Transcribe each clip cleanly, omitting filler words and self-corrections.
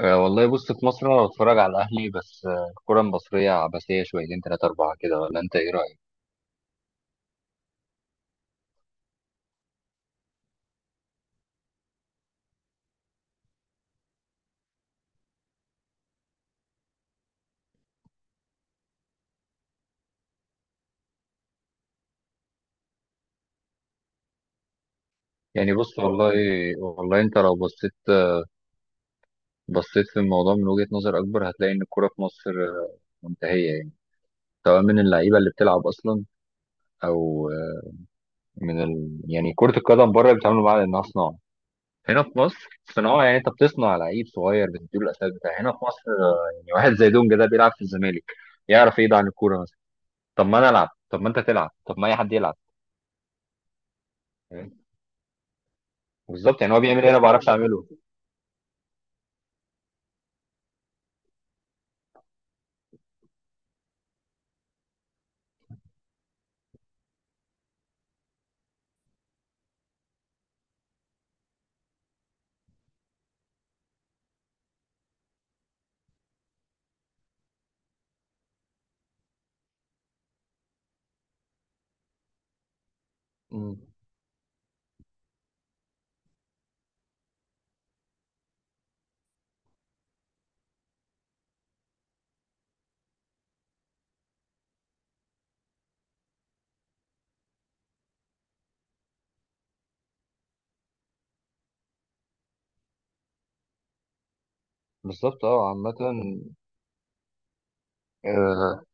أه والله بص، في مصر انا بتفرج على الاهلي بس. الكره المصريه عبثيه، شويتين ثلاثه اربعه كده، ولا انت ايه رايك؟ يعني بص والله. انت لو بصيت في الموضوع من وجهه نظر اكبر، هتلاقي ان الكره في مصر منتهيه يعني. سواء من اللعيبه اللي بتلعب اصلا، او يعني كره القدم بره بيتعاملوا معاها انها صناعه. هنا في مصر صناعه، يعني انت بتصنع لعيب صغير بتديله الاساس بتاعه هنا في مصر. يعني واحد زي دونجا ده بيلعب في الزمالك، يعرف ايه ده عن الكوره مثلا؟ طب ما انا العب، طب ما انت تلعب، طب ما اي حد يلعب. بالظبط، يعني هو بيعمل ايه انا ما بعرفش اعمله؟ مم. بالظبط، اه. عامة آه،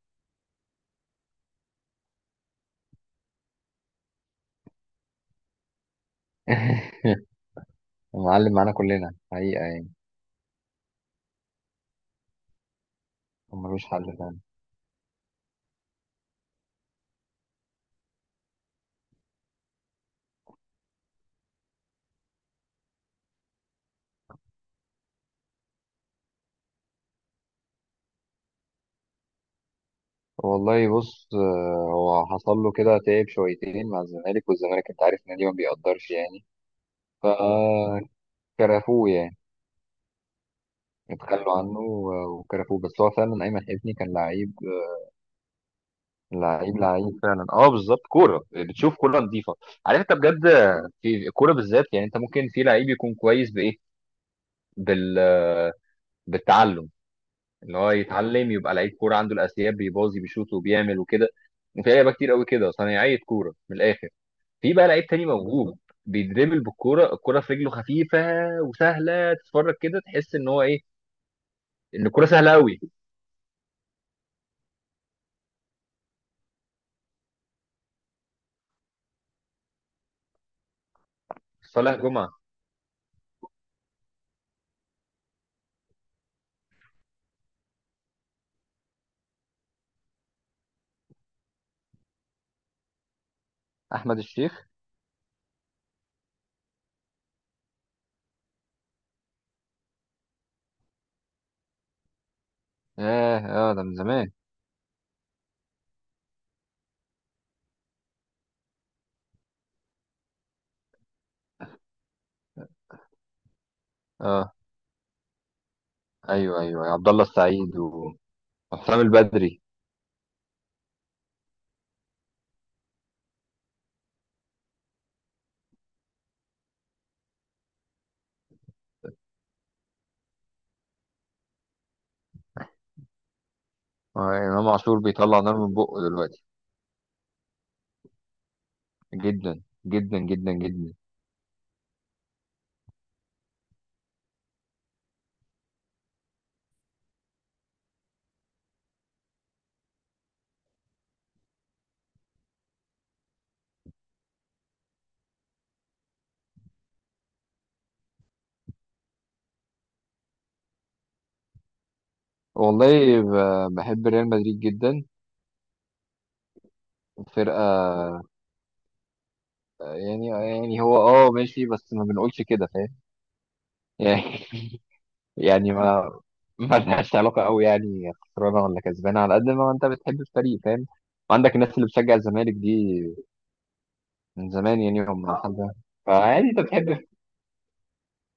معلم معانا كلنا حقيقة يعني. هو ملوش حل فعلا. والله بص، هو حصل له كده تعب شويتين مع الزمالك، والزمالك انت عارف النادي ما بيقدرش يعني، فكرفوه يعني. اتخلوا عنه وكرفوه، بس هو فعلا ايمن حفني كان لعيب. لعيب فعلا، اه بالظبط. كوره بتشوف كوره نظيفه، عارف انت بجد؟ في الكوره بالذات، يعني انت ممكن في لعيب يكون كويس بايه، بال بالتعلم. اللي هو يتعلم يبقى لعيب كوره، عنده الاساسيات، بيباظي بيشوط وبيعمل وكده. وفي لعيبه كتير قوي كده صنايعيه كوره من الاخر. في بقى لعيب تاني موهوب، بيدربل بالكوره، الكوره في رجله خفيفه وسهله. تتفرج كده تحس ان هو ايه، ان الكوره سهله قوي. صالح جمعه. احمد الشيخ. اه اه، ده من زمان. اه ايوه ايوه، عبد الله السعيد وحسام البدري. آه امام عاشور بيطلع نار من بقه دلوقتي، جدا جدا جدا جدا. والله بحب ريال مدريد جدا. فرقة يعني، هو اه ماشي بس ما بنقولش كده، فاهم؟ يعني يعني ما ما لهاش علاقة قوي يعني، خسرانة ولا كسبانة، على قد ما انت بتحب الفريق، فاهم؟ وعندك الناس اللي بتشجع الزمالك دي من زمان يعني، هم حد. فعادي، انت بتحب.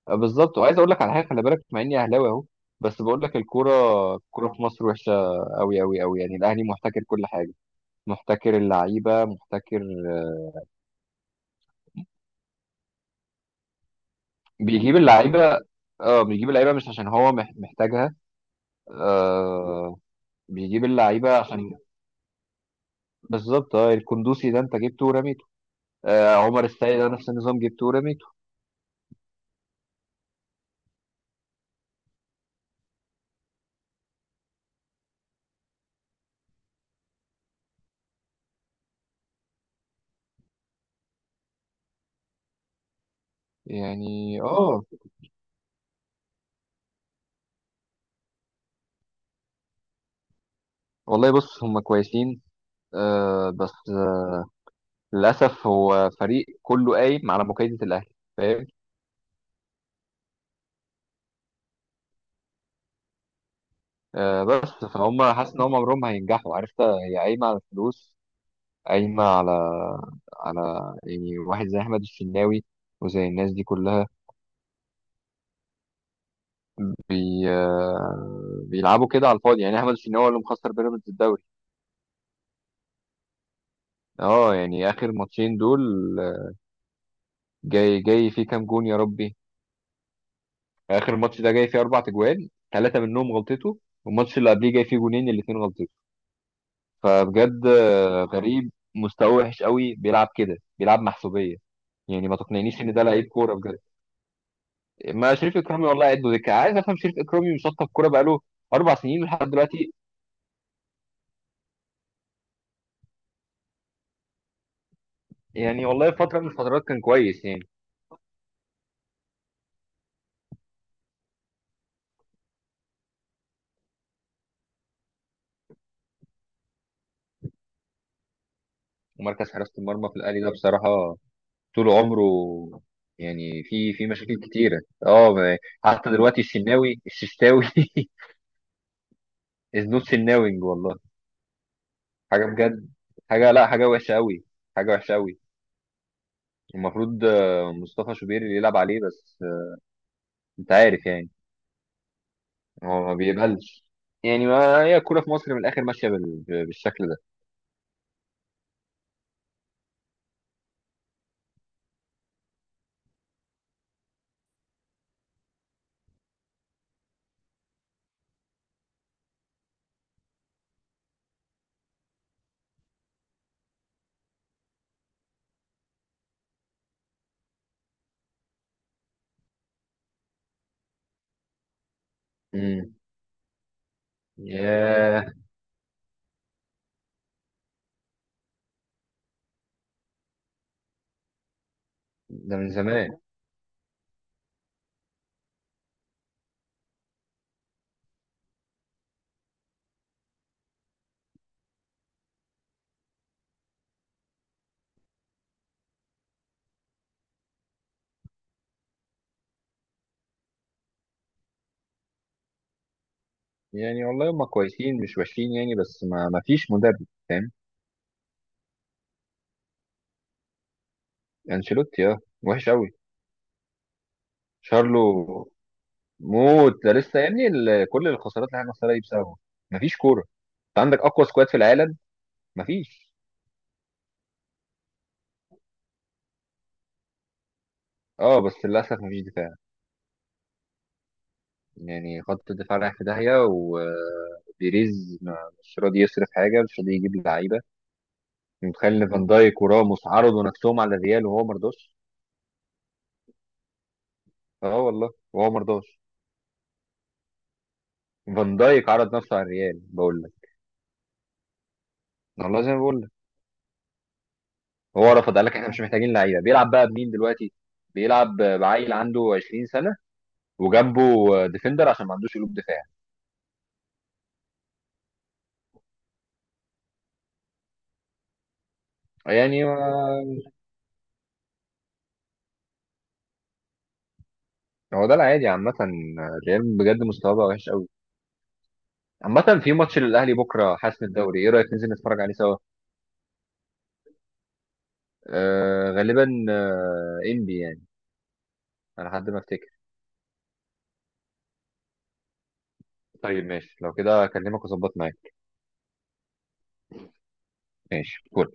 بالظبط، وعايز اقول لك على حاجة، خلي بالك، مع اني اهلاوي اهو، بس بقول لك الكورة. الكورة في مصر وحشة قوي قوي قوي، يعني الاهلي محتكر كل حاجة، محتكر اللعيبة، محتكر. آه، بيجيب اللعيبة. اه، بيجيب اللعيبة مش عشان هو محتاجها. آه بيجيب اللعيبه عشان، بالظبط اه. الكندوسي ده انت جبته ورميته. آه عمر السيد ده نفس النظام، جبته ورميته. يعني اه. والله بص، هم كويسين آه، بس للاسف هو فريق كله قايم على مكايده الاهلي، فاهم؟ آه بس، فهم حاسس ان هم عمرهم ما هينجحوا. عرفت، هي قايمه على الفلوس، قايمه على يعني، واحد زي احمد الشناوي وزي الناس دي كلها، بي آه، بيلعبوا كده على الفاضي. يعني احمد الشناوي هو اللي مخسر بيراميدز الدوري، اه. يعني اخر ماتشين دول، جاي فيه كام جون يا ربي! اخر ماتش ده جاي فيه 4 تجوان، ثلاثه منهم غلطته. والماتش اللي قبليه جاي فيه جونين الاثنين غلطته. فبجد غريب، مستواه وحش قوي، بيلعب كده بيلعب محسوبيه. يعني ما تقنعنيش ان ده لعيب كوره بجد. ما شريف اكرامي والله قد دكه، عايز افهم شريف اكرامي مشطب كوره بقاله 4 سنين لحد دلوقتي. يعني والله فتره من الفترات كان كويس يعني. ومركز حراسه المرمى في الاهلي ده بصراحه طول عمره يعني في في مشاكل كتيرة، اه حتى دلوقتي، الشناوي الششتاوي از نوت سناوينج والله حاجة بجد. حاجة لا حاجة وحشة قوي، حاجة وحشة قوي المفروض مصطفى شوبير اللي يلعب عليه، بس انت عارف يعني، هو ما بيقبلش. يعني ما هي الكورة في مصر من الآخر ماشية بالشكل ده. امم. ياه. ده من زمان يعني. والله هم كويسين مش وحشين يعني، بس ما فيش مدرب فاهم. انشيلوتي اه وحش قوي. شارلو موت ده لسه يا ابني، كل الخسارات اللي احنا خسرها دي بسببه. مفيش كوره، انت عندك اقوى سكواد في العالم، مفيش. اه بس للاسف مفيش دفاع، يعني خط الدفاع رايح في داهيه، وبيريز مش راضي يصرف حاجه، مش راضي يجيب لعيبه. متخيل ان فان دايك وراموس عرضوا نفسهم على الريال وهو مرضاش! اه والله، وهو مرضاش. فان دايك عرض نفسه على الريال، بقول لك. والله زي ما بقول لك. هو رفض، قال لك احنا مش محتاجين لعيبه. بيلعب بقى بمين دلوقتي؟ بيلعب بعيل عنده 20 سنه، وجنبه ديفندر، عشان ما عندوش قلوب دفاع. يعني هو ده العادي عامة. الريال بجد مستواه بقى وحش قوي. عامة، في ماتش للأهلي بكرة حسم الدوري، ايه رأيك ننزل نتفرج عليه سوا؟ آه غالبا آه انبي يعني، على حد ما افتكر. طيب ماشي، لو كده اكلمك واظبط معاك. ماشي كول.